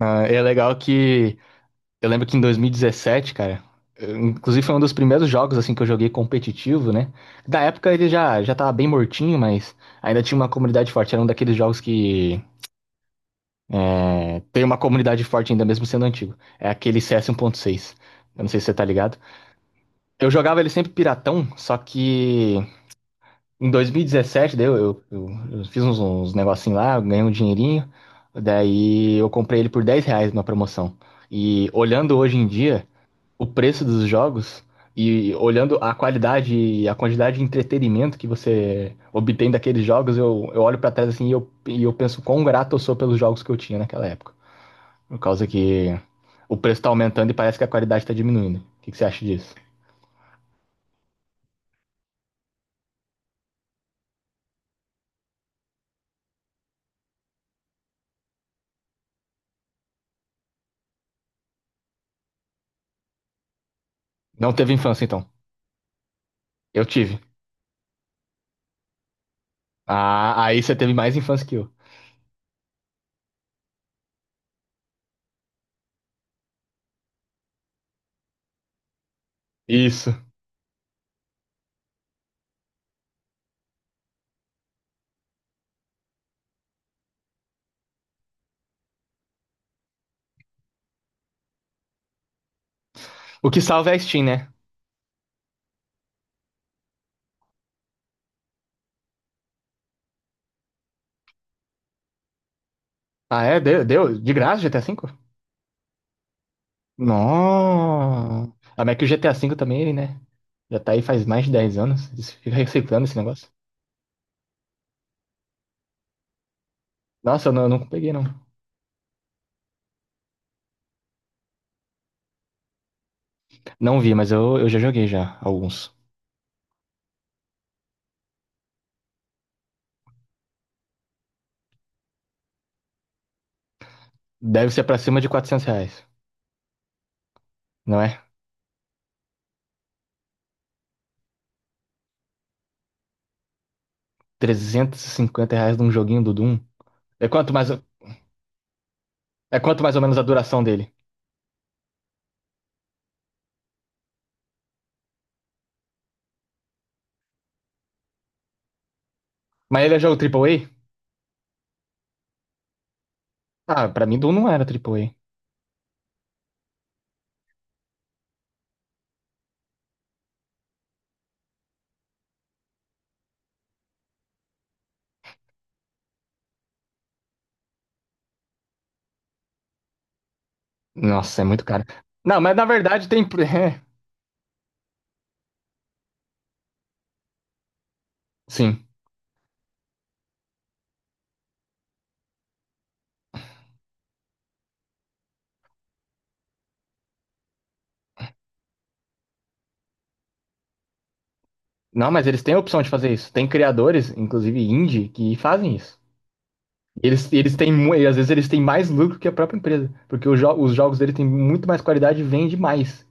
Ah, e é legal que eu lembro que em 2017, cara, inclusive foi um dos primeiros jogos assim que eu joguei competitivo, né? Da época ele já já tava bem mortinho, mas ainda tinha uma comunidade forte. Era um daqueles jogos que tem uma comunidade forte ainda mesmo sendo antigo. É aquele CS 1.6. Eu não sei se você tá ligado. Eu jogava ele sempre piratão, só que em 2017, daí eu fiz uns negocinhos lá, eu ganhei um dinheirinho. Daí eu comprei ele por 10 reais na promoção. E olhando hoje em dia o preço dos jogos e olhando a qualidade e a quantidade de entretenimento que você obtém daqueles jogos, eu olho pra trás assim e eu penso quão grato eu sou pelos jogos que eu tinha naquela época. Por causa que o preço tá aumentando e parece que a qualidade tá diminuindo. O que, que você acha disso? Não teve infância, então. Eu tive. Ah, aí você teve mais infância que eu. Isso. O que salva é a Steam, né? Ah, é? Deu de graça GTA V? Nossa. Ah, mas que o GTA V também, né? Já tá aí faz mais de 10 anos. Isso fica reciclando esse negócio. Nossa, eu não peguei, não. Não vi, mas eu já joguei já, alguns. Deve ser pra cima de 400 reais, não é? 350 reais num joguinho do Doom. É quanto mais, é quanto mais ou menos a duração dele? Mas ele é jogo triplo A. Ah, pra mim Doom não era triplo A. Nossa, é muito caro. Não, mas na verdade tem sim. Não, mas eles têm a opção de fazer isso. Tem criadores, inclusive indie, que fazem isso. Eles têm, e às vezes eles têm mais lucro que a própria empresa, porque os jogos dele têm muito mais qualidade e vende mais.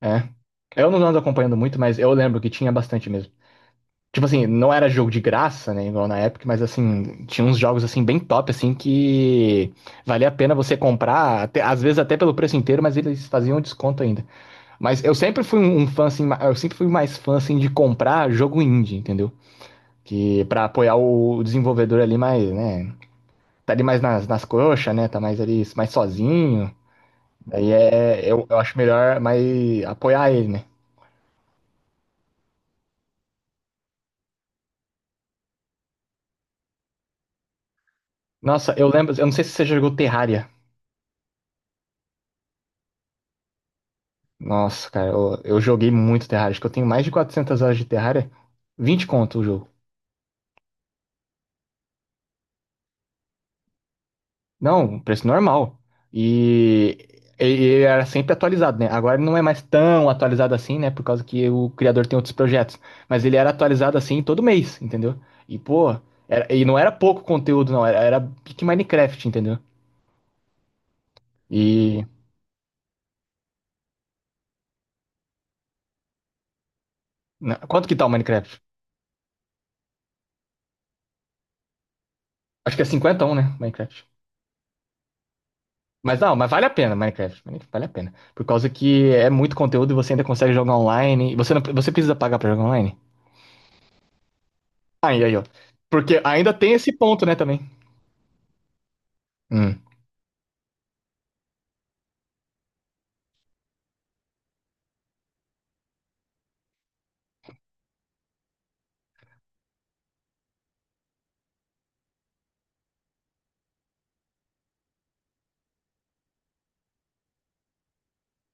É. Eu não ando acompanhando muito, mas eu lembro que tinha bastante mesmo. Tipo assim, não era jogo de graça, né, igual na época, mas assim, tinha uns jogos assim bem top, assim, que valia a pena você comprar, às vezes até pelo preço inteiro, mas eles faziam desconto ainda. Mas eu sempre fui um fã, assim, eu sempre fui mais fã, assim, de comprar jogo indie, entendeu? Que pra apoiar o desenvolvedor ali mais, né, tá ali mais nas coxas, né? Tá mais ali, mais sozinho. Daí eu acho melhor mais apoiar ele, né? Nossa, eu lembro, eu não sei se você jogou Terraria. Nossa, cara, eu joguei muito Terraria. Acho que eu tenho mais de 400 horas de Terraria. 20 conto o jogo. Não, um preço normal. E ele era sempre atualizado, né? Agora ele não é mais tão atualizado assim, né? Por causa que o criador tem outros projetos. Mas ele era atualizado assim todo mês, entendeu? E, pô, e não era pouco conteúdo, não. Era pique Minecraft, entendeu? E. Quanto que tá o Minecraft? Acho que é 51, né? Minecraft. Mas não, mas vale a pena, Minecraft. Minecraft vale a pena. Por causa que é muito conteúdo e você ainda consegue jogar online. E você, não, você precisa pagar pra jogar online? Aí, aí, ó. Porque ainda tem esse ponto, né, também. Hum,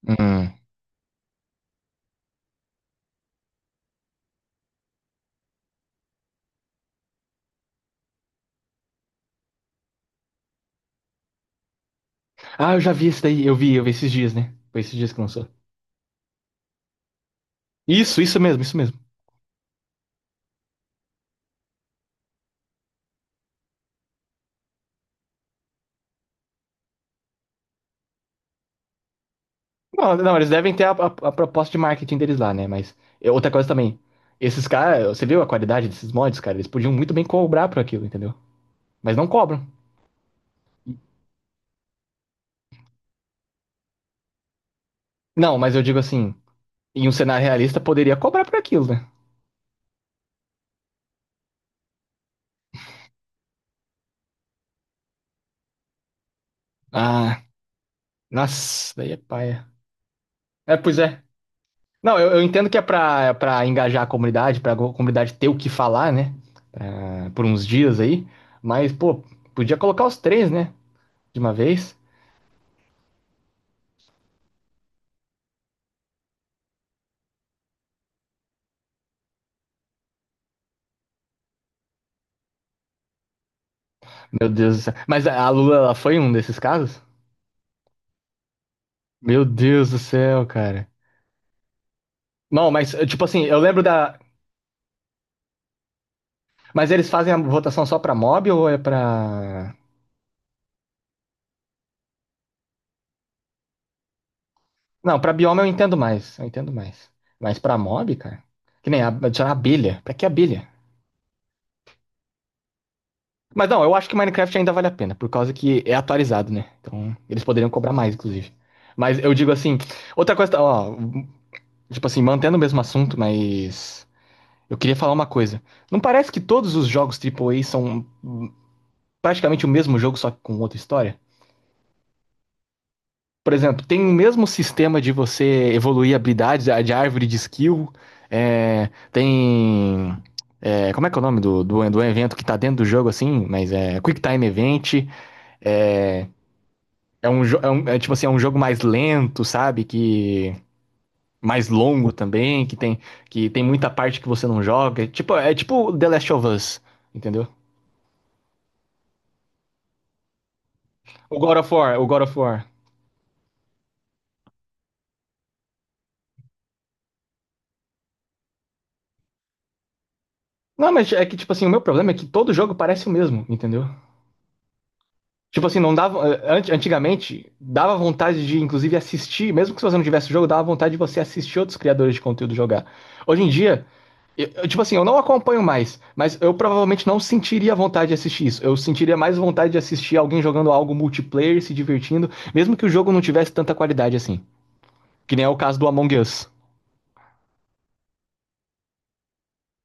hum. Ah, eu já vi isso daí. Eu vi esses dias, né? Foi esses dias que lançou. Isso mesmo, isso mesmo. Não, não, eles devem ter a proposta de marketing deles lá, né? Mas é outra coisa também. Esses caras, você viu a qualidade desses mods, cara? Eles podiam muito bem cobrar por aquilo, entendeu? Mas não cobram. Não, mas eu digo assim, em um cenário realista poderia cobrar por aquilo, né? Ah, nossa, daí é paia. É, pois é. Não, eu entendo que é pra engajar a comunidade, comunidade ter o que falar, né? Por uns dias aí. Mas, pô, podia colocar os três, né? De uma vez. Meu Deus do céu. Mas a Lula, ela foi um desses casos? Meu Deus do céu, cara. Não, mas, tipo assim, eu lembro da. Mas eles fazem a votação só pra mob ou é pra. Não, pra bioma eu entendo mais, eu entendo mais. Mas pra mob, cara, que nem adicionar abelha. Pra que abelha? Mas não, eu acho que Minecraft ainda vale a pena, por causa que é atualizado, né? Então, eles poderiam cobrar mais, inclusive. Mas eu digo assim, outra coisa, ó, tipo assim, mantendo o mesmo assunto, mas eu queria falar uma coisa. Não parece que todos os jogos triplo A são praticamente o mesmo jogo, só que com outra história? Por exemplo, tem o mesmo sistema de você evoluir habilidades, a de árvore de skill. É, tem. Como é que é o nome do evento que tá dentro do jogo, assim? Mas é Quick Time Event. É, é tipo assim, é um jogo mais lento, sabe? Que. Mais longo também, que tem muita parte que você não joga. Tipo, é tipo The Last of Us, entendeu? O God of War, o God of War. Não, mas é que, tipo assim, o meu problema é que todo jogo parece o mesmo, entendeu? Tipo assim, não dava. Antigamente, dava vontade de, inclusive, assistir, mesmo que se você não tivesse o jogo, dava vontade de você assistir outros criadores de conteúdo jogar. Hoje em dia, tipo assim, eu não acompanho mais, mas eu provavelmente não sentiria vontade de assistir isso. Eu sentiria mais vontade de assistir alguém jogando algo multiplayer, se divertindo, mesmo que o jogo não tivesse tanta qualidade assim. Que nem é o caso do Among Us.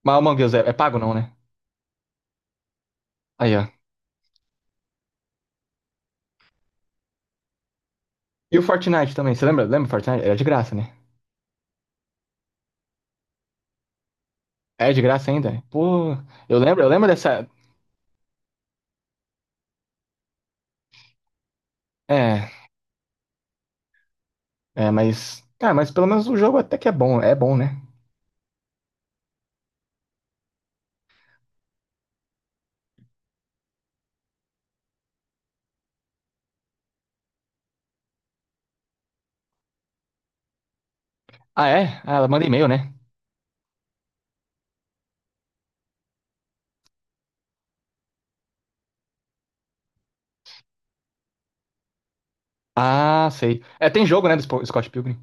Mas Among Us é pago, não, né? Aí, ó. E o Fortnite também, você lembra? Lembra o Fortnite? Era de graça, né? É de graça ainda? Pô, eu lembro dessa. É. É, mas. Ah, mas pelo menos o jogo até que é bom. É bom, né? Ah, é? Ah, ela manda e-mail, né? Ah, sei. É, tem jogo, né, do Scott Pilgrim?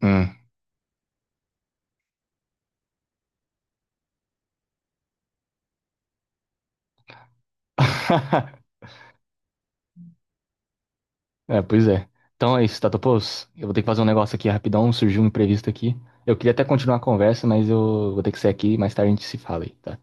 Hum. É, pois é. Então é isso, Tatopos. Eu vou ter que fazer um negócio aqui rapidão, surgiu um imprevisto aqui. Eu queria até continuar a conversa, mas eu vou ter que sair aqui, mais tarde a gente se fala aí, tá?